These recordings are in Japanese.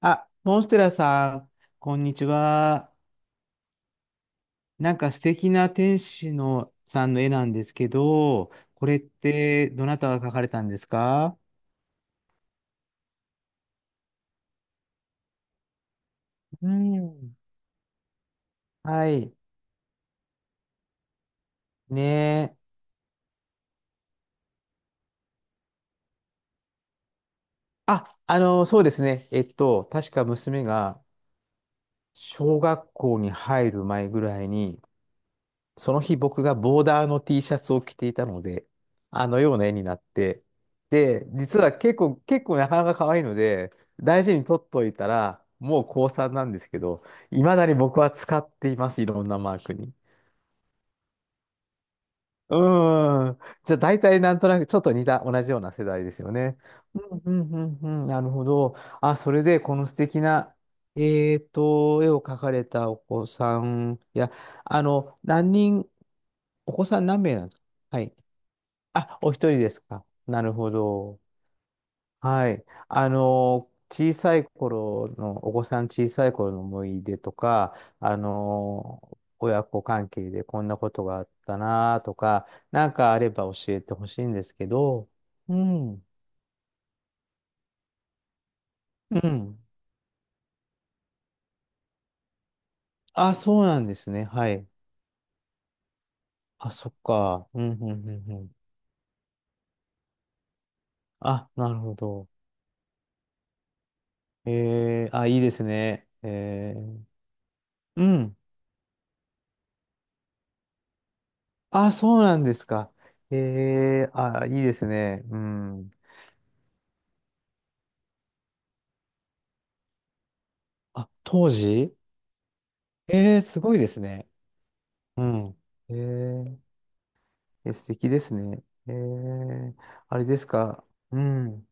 あ、モンステラさん、こんにちは。なんか素敵な天使のさんの絵なんですけど、これってどなたが描かれたんですか？うん。はい。ねえ。あ、そうですね。確か娘が小学校に入る前ぐらいに、その日僕がボーダーの T シャツを着ていたので、あのような絵になって、で、実は結構なかなか可愛いので、大事に取っといたら、もう高3なんですけど、いまだに僕は使っています、いろんなマークに。うじゃあ大体なんとなくちょっと似た、同じような世代ですよね。うんうんうんうん、なるほど。あ、それでこの素敵な、絵を描かれたお子さん、あの、何人、お子さん何名なんですか？はい。あ、お一人ですか。なるほど。はい。小さい頃の、お子さん小さい頃の思い出とか、親子関係でこんなことがあったなとか、なんかあれば教えてほしいんですけど。うん。うん。あ、そうなんですね。はい。あ、そっか。うん、うん、うん、うん。あ、なるほど。えー、あ、いいですね。えー、うん。あ、そうなんですか。ええ、あ、いいですね。うん。あ、当時ええ、すごいですね。うん。ええ、え、素敵ですね。ええ、あれですか。うん。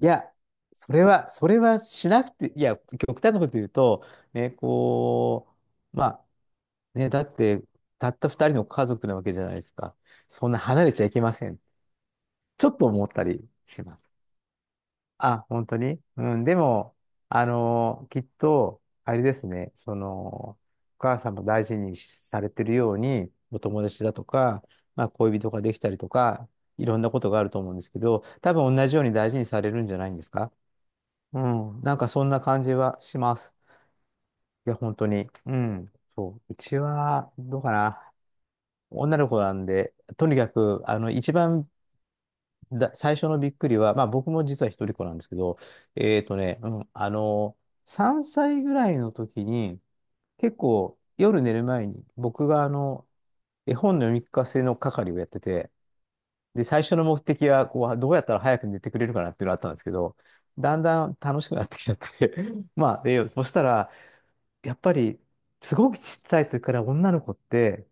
いや、それは、それはしなくて、いや、極端なこと言うと、ね、こう、まあ、ね、だって、たった二人の家族なわけじゃないですか。そんな離れちゃいけません。ちょっと思ったりします。あ、本当に。うん、でも、きっと、あれですね、その、お母さんも大事にされてるように、お友達だとか、まあ、恋人ができたりとか、いろんなことがあると思うんですけど、多分同じように大事にされるんじゃないんですか？うん、なんかそんな感じはします。いや、本当に。うん、そう。うちは、どうかな。女の子なんで、とにかく、一番だ、最初のびっくりは、まあ僕も実は一人っ子なんですけど、うん、3歳ぐらいの時に、結構夜寝る前に、僕が絵本の読み聞かせの係をやってて、で、最初の目的は、こう、どうやったら早く寝てくれるかなっていうのがあったんですけど、だんだん楽しくなってきちゃって まあ、で、そしたら、やっぱり、すごくちっちゃい時から女の子って、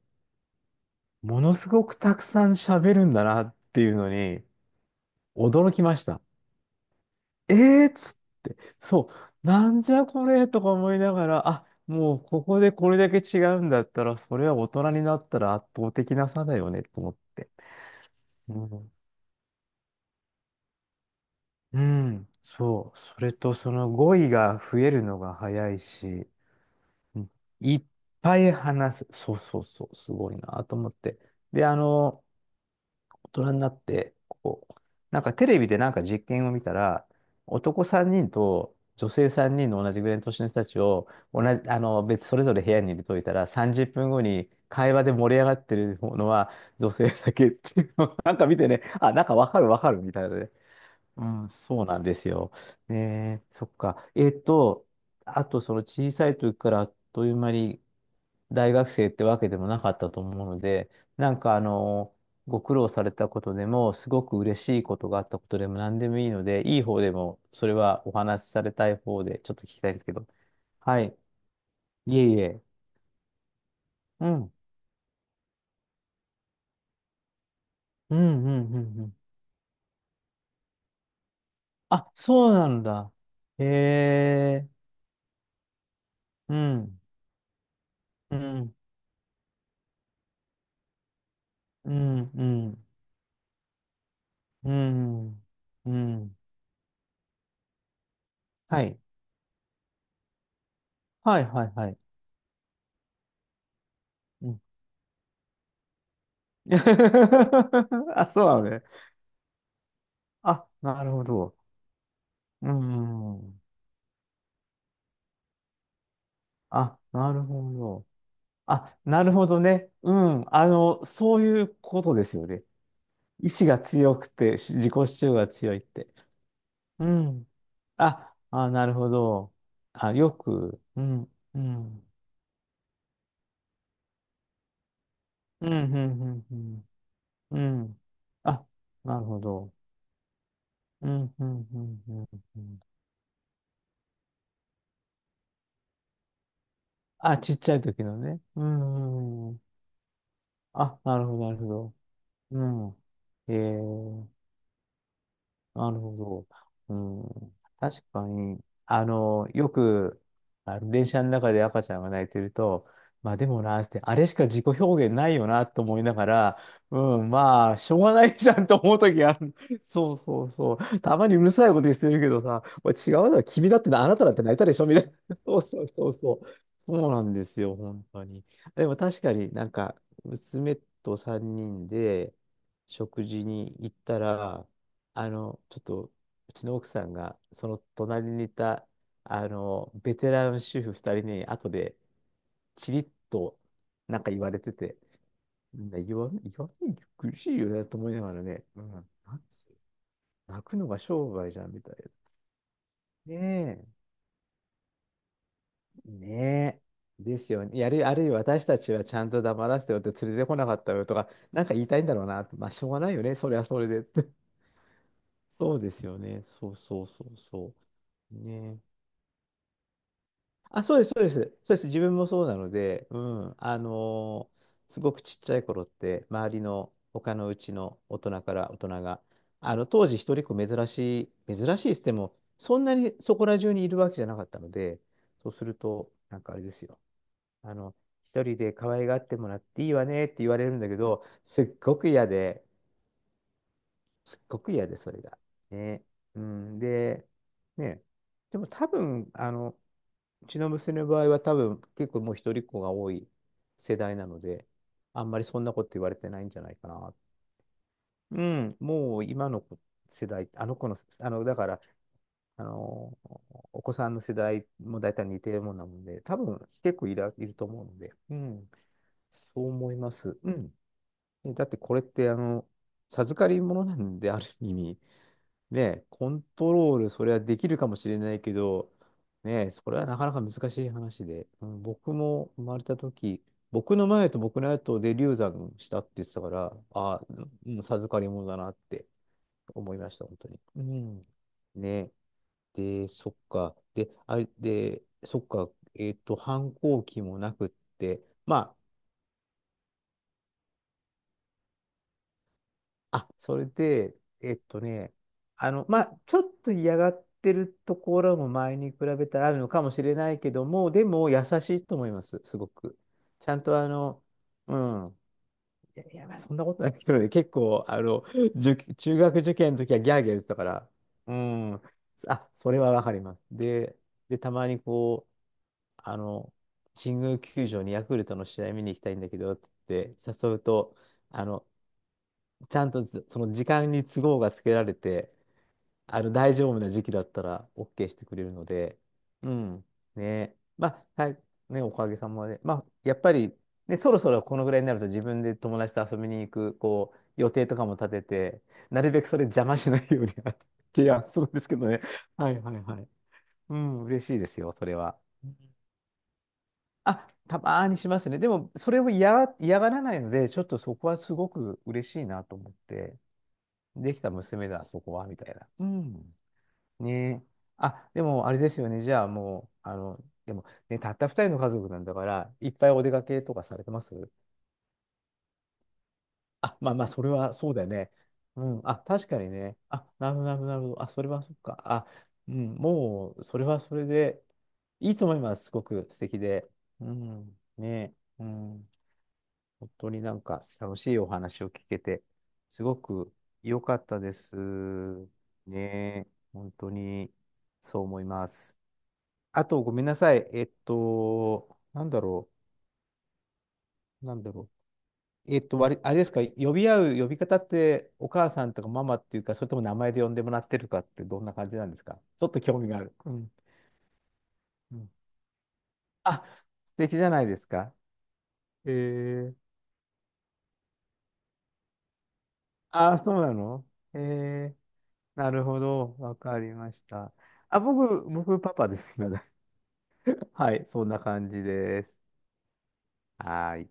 ものすごくたくさん喋るんだなっていうのに、驚きました。えーっつって、そう、なんじゃこれとか思いながら、あ、もうここでこれだけ違うんだったら、それは大人になったら圧倒的な差だよねと思って。うん、うんそう、それとその語彙が増えるのが早いし、うんいっぱい話す、そうそうそう、すごいなと思って。で、大人になって、こう、なんかテレビでなんか実験を見たら、男3人と女性3人の同じぐらいの年の人たちを、同じ、あの、別、それぞれ部屋に入れといたら、30分後に会話で盛り上がってるのは女性だけっていうのを、なんか見てね、あ、なんかわかるわかるみたいなね。うん、そうなんですよ。ねえ、そっか。あとその小さい時からあっという間に大学生ってわけでもなかったと思うので、なんかあの、ご苦労されたことでも、すごく嬉しいことがあったことでも何でもいいので、いい方でも、それはお話しされたい方で、ちょっと聞きたいんですけど。はい。いえいえ。うん。うん、うん、うん、うん。あ、そうなんだ。へえ。うん。うん。うん。うん。うん。うん。はい。はい、はい、はい。うん。あ、そうなのね。あ、なるほど。うん。あ、なるほど。あ、なるほどね。うん。あの、そういうことですよね。意志が強くて、し自己主張が強いって。うん。あ、あ、なるほど。あ、よく、うん、うん。うん、うん、うん、うん。うんあ、なるほど。うん、うん、うん、うん。うんあ、ちっちゃい時のね。うん、うん。うんあ、なるほど、なるほど。うん。へえなるほど。うん。確かに、あの電車の中で赤ちゃんが泣いてると、まあでもな、つってあれしか自己表現ないよなと思いながら、うん、まあ、しょうがないじゃんと思う時がある。そうそうそう。たまにうるさいことしてるけどさ、おい違うだろ、君だってな、あなただって泣いたでしょみたいな。そうそうそうそう。そうなんですよ、本当に。でも確かになんか、娘と3人で食事に行ったら、あの、ちょっと、うちの奥さんが、その隣にいた、ベテラン主婦二人に、後で、チリッと、なんか言われてて、みんな言わないで苦しいよね、と思いながらね、うん、なんつ泣くのが商売じゃん、みたいな。ねえ、ねえ。ですよね。やる、あるいは私たちはちゃんと黙らせてよって連れてこなかったよとか、なんか言いたいんだろうなって、まあ、しょうがないよね、それはそれでって。そうですよね。そうそうそうそう。ねえ。あ、そうです、そうです。そうです。自分もそうなので、うん。すごくちっちゃい頃って、周りの他のうちの大人から大人が、当時一人っ子珍しいっつっても、そんなにそこら中にいるわけじゃなかったので、そうすると、なんかあれですよ。あの、一人で可愛がってもらっていいわねって言われるんだけど、すっごく嫌で、それが。ね。うん、で、ね。でも多分、うちの娘の場合は多分結構もう一人っ子が多い世代なので、あんまりそんなこと言われてないんじゃないかな。うん、もう今の子世代、あの子の、あの、だから、あの、お子さんの世代も大体似てるもんなもんで、多分結構いると思うので、うん、そう思います。うん。でだってこれって、授かり物なんで、ある意味、ね、コントロール、それはできるかもしれないけど、ね、それはなかなか難しい話で、うん、僕も生まれた時、僕の前と僕の後で流産したって言ってたから、ああ、うん、授かり物だなって思いました、本当に。うん。ね、で、そっか。で、あれ、で、そっか、えっと、反抗期もなくって、まあ、あ、それで、えっとね、ちょっと嫌がってるところも前に比べたらあるのかもしれないけども、でも優しいと思います、すごく。ちゃんとあの、うん。いや、いやまあそんなことないけどね、結構、受中学受験の時はギャーギャー言ってたから、うん。あ、それはわかります。で、たまにこう、あの、神宮球場にヤクルトの試合見に行きたいんだけどって誘うと、あの、ちゃんとその時間に都合がつけられて、あの大丈夫な時期だったら OK してくれるので、うん、ね、まあ、はい、ね、おかげさまで、まあ、やっぱり、ね、そろそろこのぐらいになると自分で友達と遊びに行く、こう、予定とかも立てて、なるべくそれ邪魔しないように 提案するんですけどね。はいはいはい。うん、嬉しいですよ、それは。あ、たまーにしますね。でも、それを嫌がらないので、ちょっとそこはすごく嬉しいなと思って。できた娘だ、そこは、みたいな。うん。ねえ。あ、でも、あれですよね。じゃあ、もう、あの、でも、ね、たった二人の家族なんだから、いっぱいお出かけとかされてます？あ、まあまあ、それはそうだよね。うん。あ、確かにね。あ、なるほど、なるほど、なるほど。あ、それはそっか。あ、うん。もう、それはそれで、いいと思います。すごく素敵で。うん。ねえ。うん。本当になんか楽しいお話を聞けて、すごく良かったです。ねえ、本当にそう思います。あと、ごめんなさい。なんだろう。えっと、わりあれですか、呼び合う呼び方って、お母さんとかママっていうか、それとも名前で呼んでもらってるかって、どんな感じなんですか？ちょっと興味がある。うん。うん。あ、素敵じゃないですか。えー、あ、そうなのえーなるほど。わかりました。あ、僕、パパです。今だ はい、そんな感じです。はーい。